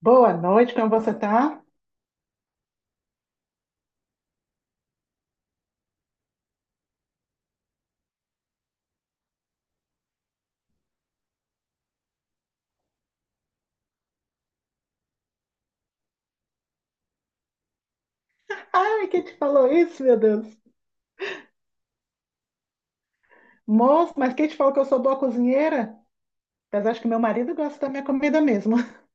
Boa noite, como você tá? Ai, quem te falou isso, meu Deus? Moço, mas quem te falou que eu sou boa cozinheira? Apesar de que meu marido gosta da minha comida mesmo.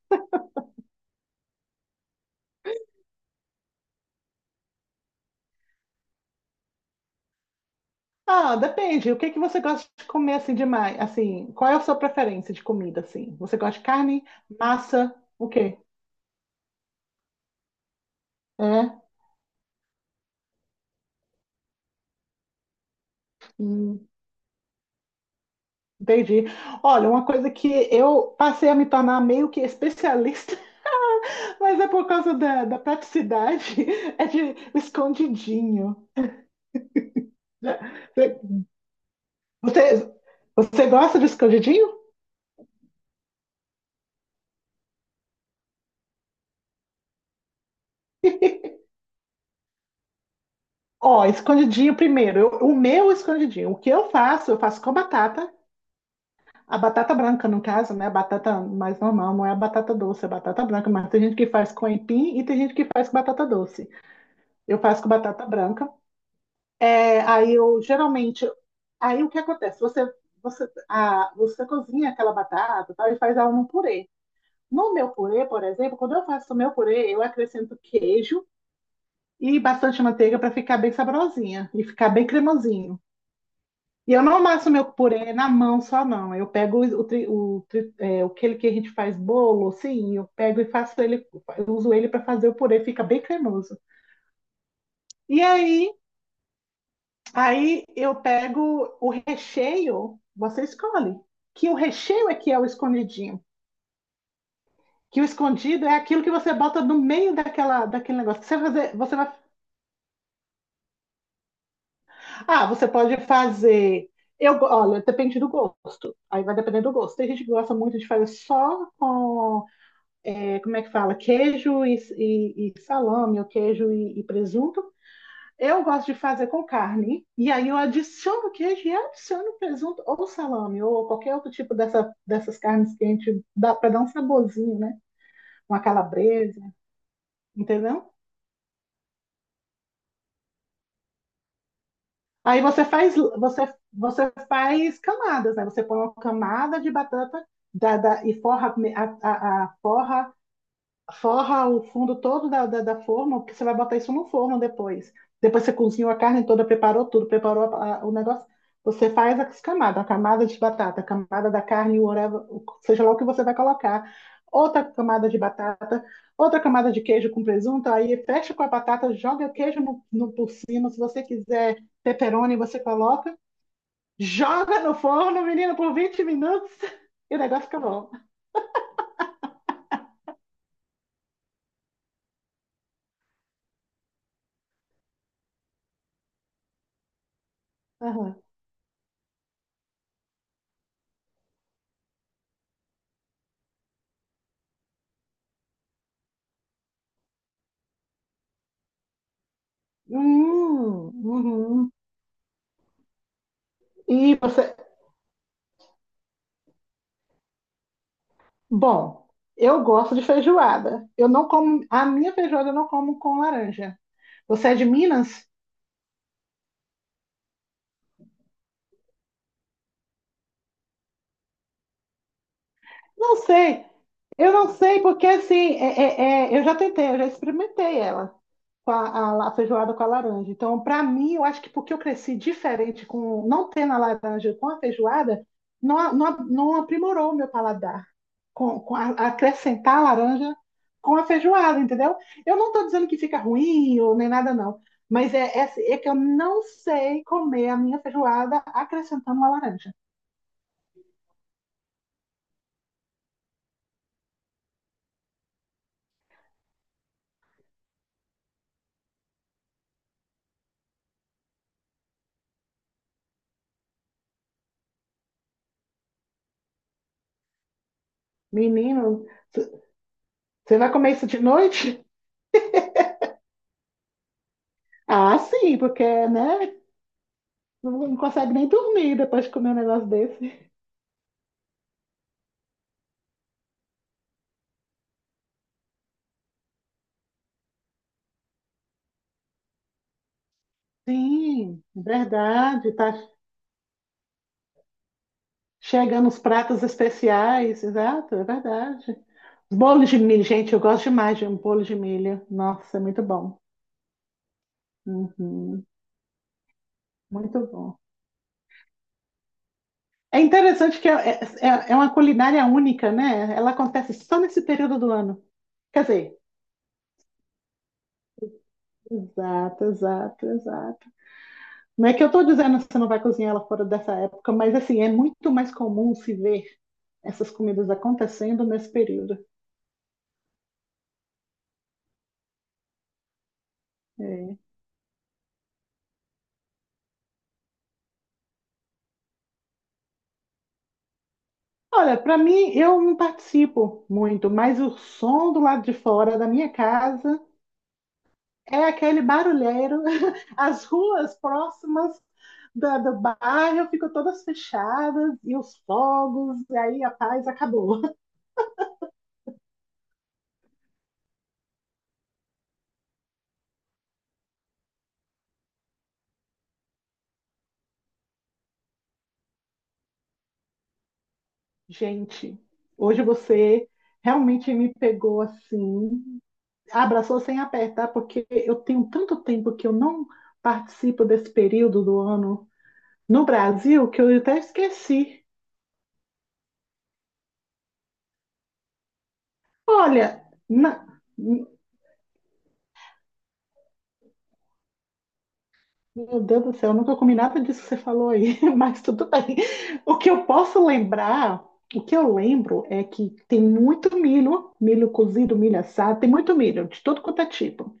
Ah, depende. O que você gosta de comer assim demais? Assim, qual é a sua preferência de comida assim? Você gosta de carne, massa, o quê? É, hum, entendi. Olha, uma coisa que eu passei a me tornar meio que especialista mas é por causa da praticidade, é de escondidinho. Você, você gosta de escondidinho? Ó, escondidinho primeiro. O meu escondidinho. O que eu faço com a batata. A batata branca, no caso, né? A batata mais normal, não é a batata doce, é a batata branca. Mas tem gente que faz com aipim e tem gente que faz com batata doce. Eu faço com batata branca. Aí eu, geralmente, aí o que acontece? Você cozinha aquela batata, tá? E faz ela num purê. No meu purê, por exemplo, quando eu faço o meu purê, eu acrescento queijo e bastante manteiga para ficar bem saborosinha e ficar bem cremosinho. E eu não amasso meu purê na mão só, não. Eu pego aquele que a gente faz bolo, assim, eu pego e faço ele, eu uso ele para fazer o purê, fica bem cremoso. E aí, aí eu pego o recheio, você escolhe. Que o recheio é que é o escondidinho. Que o escondido é aquilo que você bota no meio daquele negócio. Você, fazer, você vai Ah, você pode fazer. Olha, depende do gosto. Aí vai depender do gosto. Tem gente que gosta muito de fazer só com como é que fala? Queijo e salame, ou queijo e presunto. Eu gosto de fazer com carne. E aí eu adiciono queijo e adiciono presunto ou salame, ou qualquer outro tipo dessas carnes que a gente dá para dar um saborzinho, né? Uma calabresa, entendeu? Aí você faz, você faz camadas, né? Você põe uma camada de batata e forra a forra forra o fundo todo da forma, porque você vai botar isso no forno depois. Depois você cozinhou a carne toda, preparou tudo, preparou o negócio. Você faz as camadas, a camada de batata, a camada da carne, whatever, seja lá o que você vai colocar. Outra camada de batata, outra camada de queijo com presunto, aí fecha com a batata, joga o queijo por cima. Se você quiser pepperoni, você coloca. Joga no forno, menina, por 20 minutos e o negócio fica bom. Aham. Uhum. E você, bom, eu gosto de feijoada. Eu não como, a minha feijoada eu não como com laranja. Você é de Minas? Não sei. Eu não sei porque assim, é, eu já tentei, eu já experimentei ela com a feijoada com a laranja. Então, para mim, eu acho que porque eu cresci diferente com não tendo a laranja com a feijoada, não aprimorou o meu paladar, com acrescentar a laranja com a feijoada, entendeu? Eu não estou dizendo que fica ruim ou nem nada, não. Mas é que eu não sei comer a minha feijoada acrescentando uma laranja. Menino, você vai comer isso de noite? Ah, sim, porque, né? Não consegue nem dormir depois de comer um negócio desse. Sim, verdade. Tá chegando os pratos especiais, exato, é verdade. Bolo de milho, gente, eu gosto demais de um bolo de milho. Nossa, é muito bom. Uhum, muito bom. É interessante que é uma culinária única, né? Ela acontece só nesse período do ano. Quer dizer, exato, exato, exato. Não é que eu estou dizendo que você não vai cozinhar ela fora dessa época, mas assim, é muito mais comum se ver essas comidas acontecendo nesse período. É. Olha, para mim, eu não participo muito, mas o som do lado de fora da minha casa é aquele barulheiro, as ruas próximas do bairro ficam todas fechadas e os fogos, e aí a paz acabou. Gente, hoje você realmente me pegou assim, abraçou sem apertar, porque eu tenho tanto tempo que eu não participo desse período do ano no Brasil que eu até esqueci. Olha, na- Meu Deus do céu, eu nunca comi nada disso que você falou aí, mas tudo bem. O que eu posso lembrar, o que eu lembro é que tem muito milho, milho cozido, milho assado, tem muito milho, de todo quanto é tipo.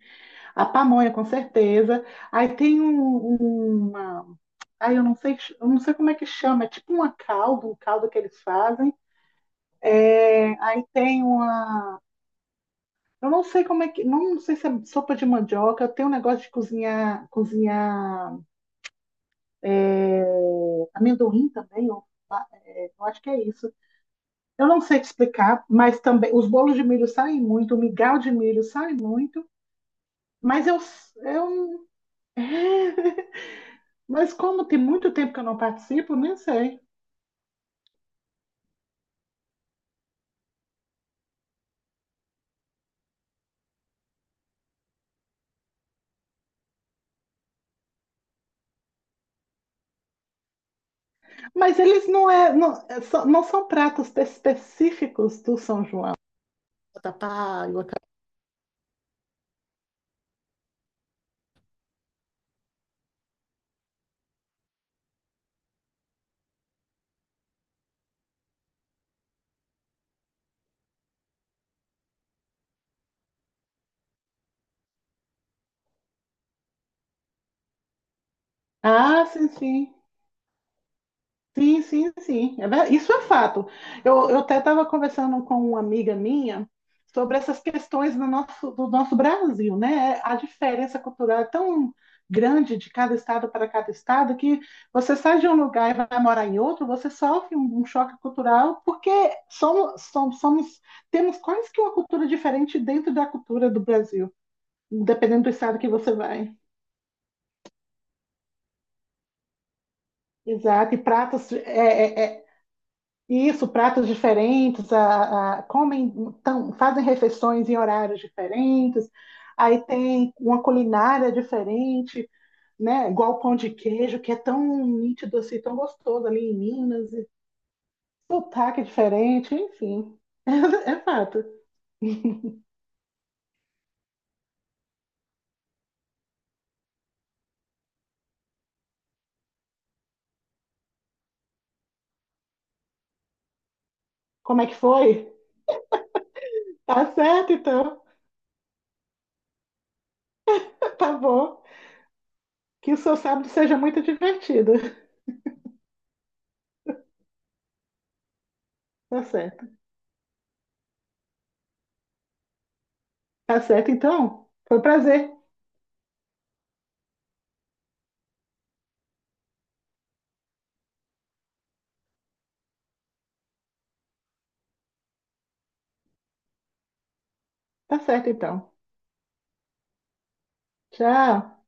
A pamonha, com certeza. Aí tem um, uma. Aí eu não sei como é que chama, é tipo uma calda, um caldo que eles fazem. É, Aí tem uma. Eu não sei como é que. Não sei se é sopa de mandioca, tem um negócio de cozinhar, é, amendoim também, eu acho que é isso. Eu não sei te explicar, mas também os bolos de milho saem muito, o migal de milho sai muito, mas eu mas como tem muito tempo que eu não participo, nem sei. Mas eles não, é, são- não são pratos específicos do São João. Batata palha, ah, sim, sim. Sim, sim, sim. Isso é fato. Eu até estava conversando com uma amiga minha sobre essas questões do nosso Brasil, né? A diferença cultural é tão grande de cada estado para cada estado que você sai de um lugar e vai morar em outro, você sofre um choque cultural porque somos, somos, somos- temos quase que uma cultura diferente dentro da cultura do Brasil, dependendo do estado que você vai. Exato, e pratos isso, pratos diferentes, comem, fazem refeições em horários diferentes, aí tem uma culinária diferente, né? Igual o pão de queijo, que é tão nítido assim, tão gostoso ali em Minas, e sotaque diferente, enfim. É, fato. Como é que foi? Tá certo, então. Tá bom. Que o seu sábado seja muito divertido. Tá certo. Tá certo, então. Foi um prazer. Tá certo, então. Tchau.